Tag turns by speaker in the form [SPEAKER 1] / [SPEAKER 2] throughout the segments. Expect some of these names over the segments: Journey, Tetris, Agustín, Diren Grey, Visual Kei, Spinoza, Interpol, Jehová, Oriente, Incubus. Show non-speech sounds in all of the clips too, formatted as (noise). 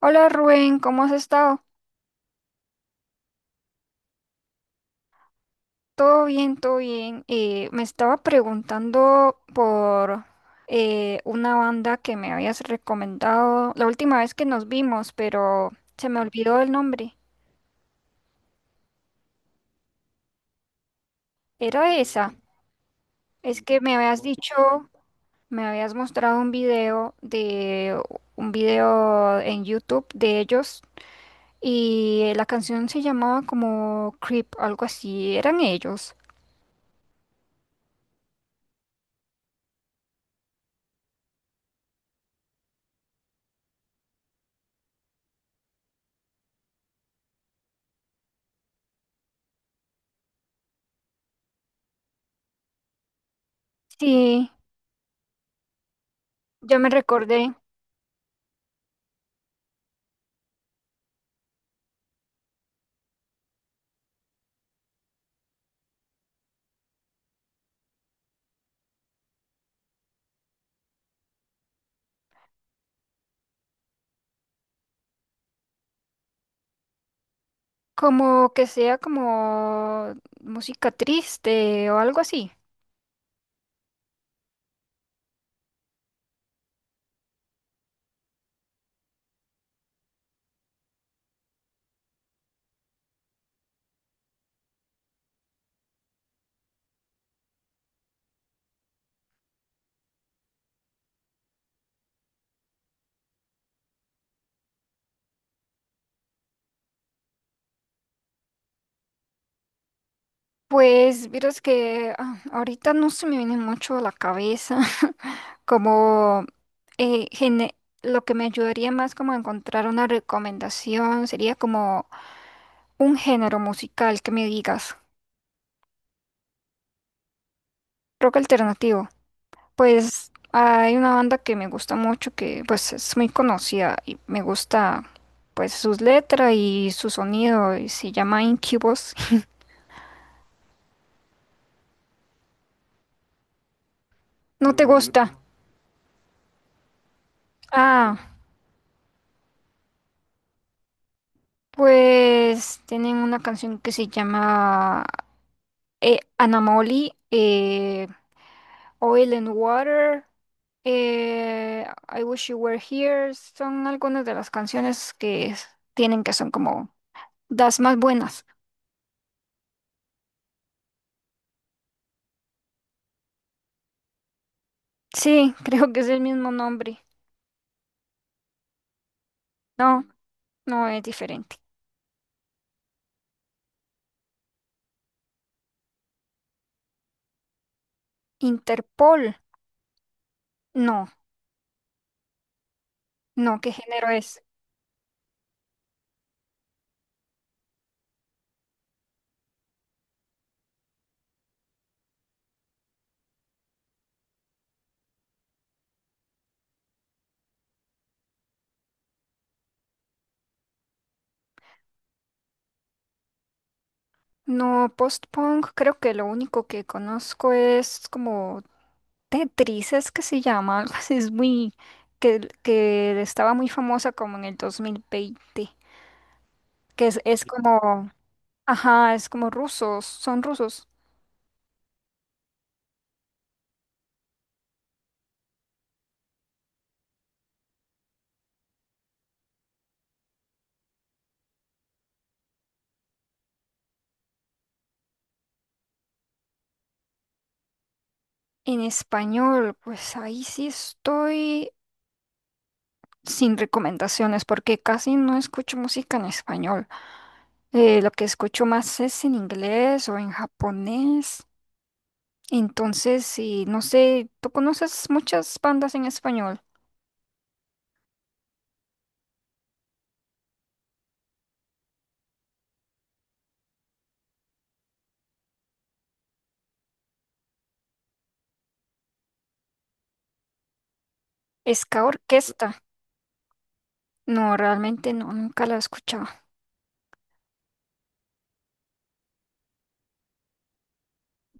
[SPEAKER 1] Hola Rubén, ¿cómo has estado? Todo bien, todo bien. Me estaba preguntando por una banda que me habías recomendado la última vez que nos vimos, pero se me olvidó el nombre. Era esa. Es que me habías dicho, me habías mostrado un video de un video en YouTube de ellos y la canción se llamaba como Creep, algo así. Eran ellos. Sí, ya me recordé. Como que sea como música triste o algo así. Pues miras que ahorita no se me viene mucho a la cabeza (laughs) como eh, gene- lo que me ayudaría más como a encontrar una recomendación sería como un género musical que me digas, rock alternativo. Pues hay una banda que me gusta mucho que pues es muy conocida y me gusta pues sus letras y su sonido y se llama Incubus. No te gusta. Ah, pues tienen una canción que se llama Anamoli, Oil and Water, I Wish You Were Here. Son algunas de las canciones tienen que son como las más buenas. Sí, (laughs) creo que es el mismo nombre. No, no es diferente. Interpol. No, no, ¿qué género es? No, post-punk, creo que lo único que conozco es como Tetris es que se llama, (laughs) algo así, es muy, que estaba muy famosa como en el dos mil veinte, que es como, ajá, es como rusos, son rusos. En español, pues ahí sí estoy sin recomendaciones porque casi no escucho música en español. Lo que escucho más es en inglés o en japonés. Entonces, sí, no sé, ¿tú conoces muchas bandas en español? Ska Orquesta. No, realmente no, nunca la he escuchado.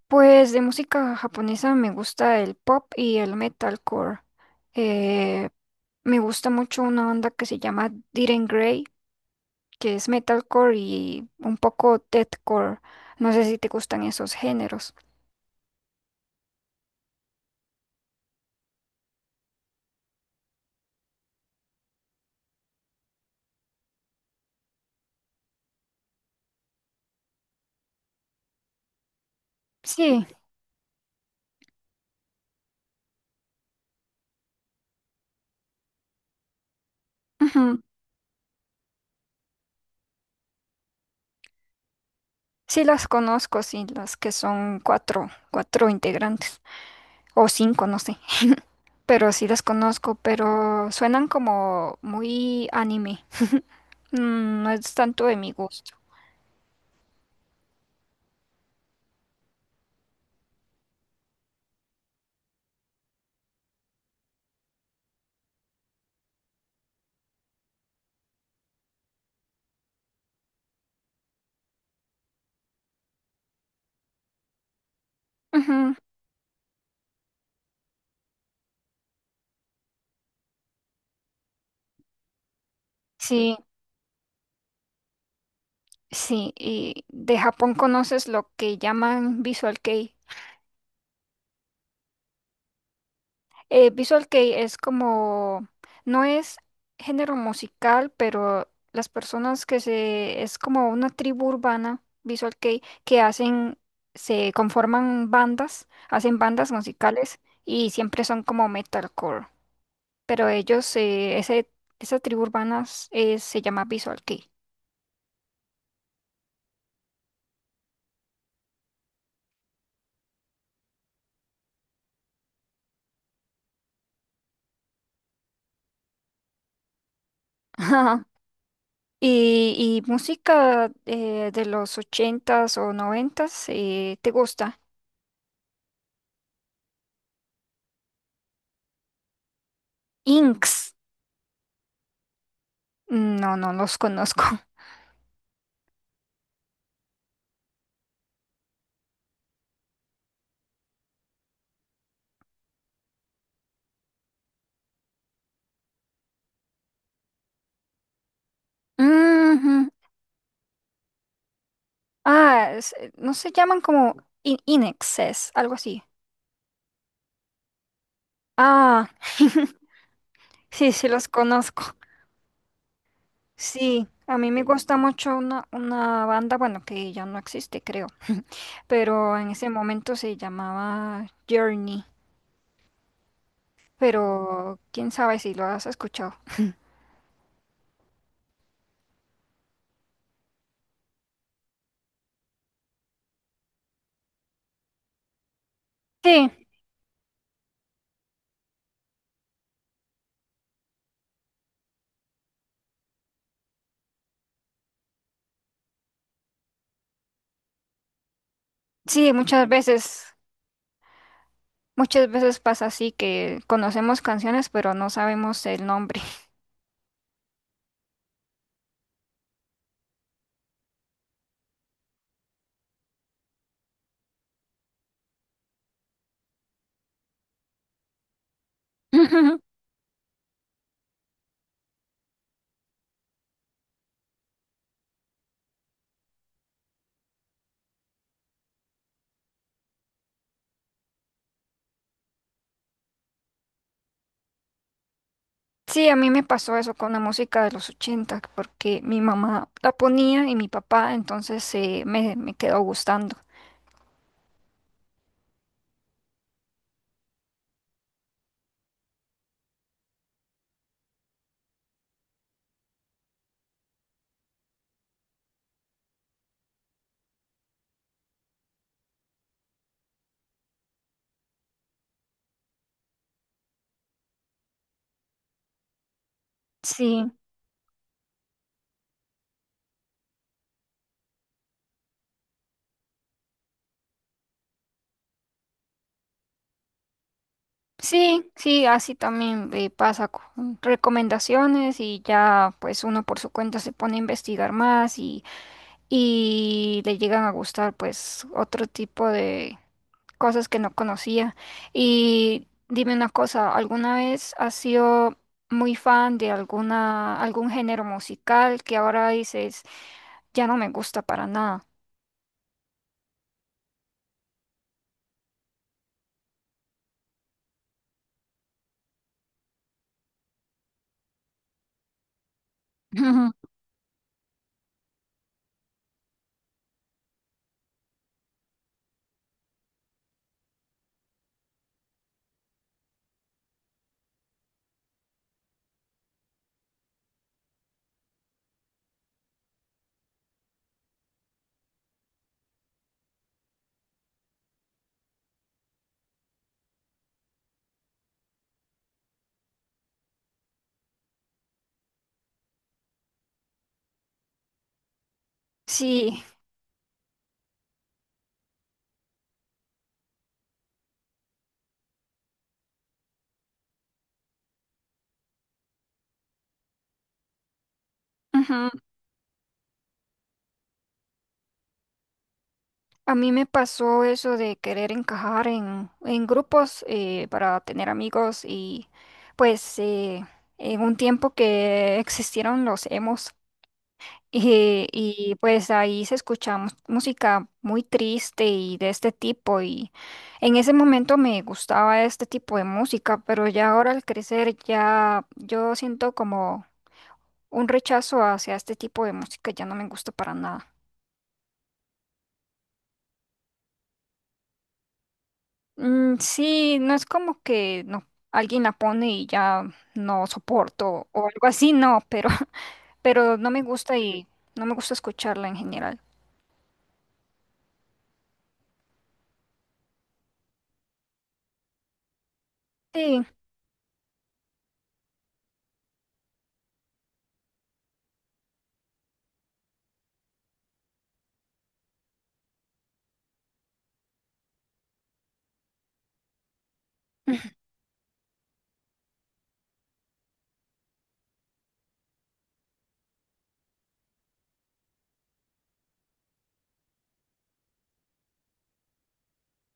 [SPEAKER 1] Pues de música japonesa me gusta el pop y el metalcore. Eh, Me gusta mucho una banda que se llama Diren Grey, que es metalcore y un poco deathcore. No sé si te gustan esos géneros. Sí, ujú, sí las conozco, sí, las que son cuatro integrantes o cinco, no sé. Pero sí las conozco, pero suenan como muy anime. Mm, no es tanto de mi gusto. Ujú, sí. Sí, y de Japón conoces lo que llaman Visual Kei. Visual Kei es como, no es género musical, pero las personas es como una tribu urbana, Visual Kei, que hacen, se conforman bandas, hacen bandas musicales y siempre son como metalcore. Pero ellos, esa tribu urbana se llama Visual Kei. (laughs) Y, y música de los ochentas o noventas, ¿te gusta? Inks. No, no los conozco. (laughs) Ujú. Ah, no se llaman como in Inexes, algo así. Ah, sí, sí los conozco. Sí, a mí me gusta mucho una banda, bueno, que ya no existe, creo, pero en ese momento se llamaba Journey, pero quién sabe si lo has escuchado. Sí, sí, muchas veces. Muchas veces pasa así que conocemos canciones pero no sabemos el nombre. (laughs) Sí, a mí me pasó eso con la música de los 80 porque mi mamá la ponía y mi papá, entonces me quedó gustando. Sí, sí, sí, así también pasa con recomendaciones y ya pues uno por su cuenta se pone a investigar más y le llegan a gustar pues otro tipo de cosas que no conocía. Y dime una cosa, ¿alguna vez has sido muy fan de algún género musical que ahora dices, ya no me gusta para nada? (laughs) Sí, ujú. A mí me pasó eso de querer encajar en grupos para tener amigos y pues en un tiempo que existieron los emos. Y, pues ahí se escucha música muy triste y de este tipo y en ese momento me gustaba este tipo de música, pero ya ahora al crecer ya yo siento como un rechazo hacia este tipo de música, ya no me gusta para nada. Mm, sí, no es como que no, alguien la pone y ya no soporto o algo así, no, pero, (laughs) pero no me gusta y no me gusta escucharla en general. Sí, (laughs)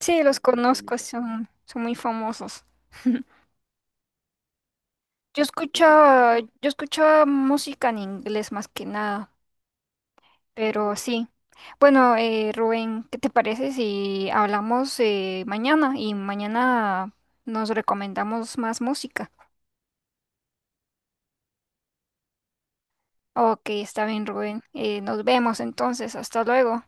[SPEAKER 1] sí, los conozco, son, son muy famosos. Yo escucho yo escucho música en inglés más que nada, pero sí. Bueno, Rubén, ¿qué te parece si hablamos mañana y mañana nos recomendamos más música? Ok, está bien, Rubén. Nos vemos entonces. Hasta luego.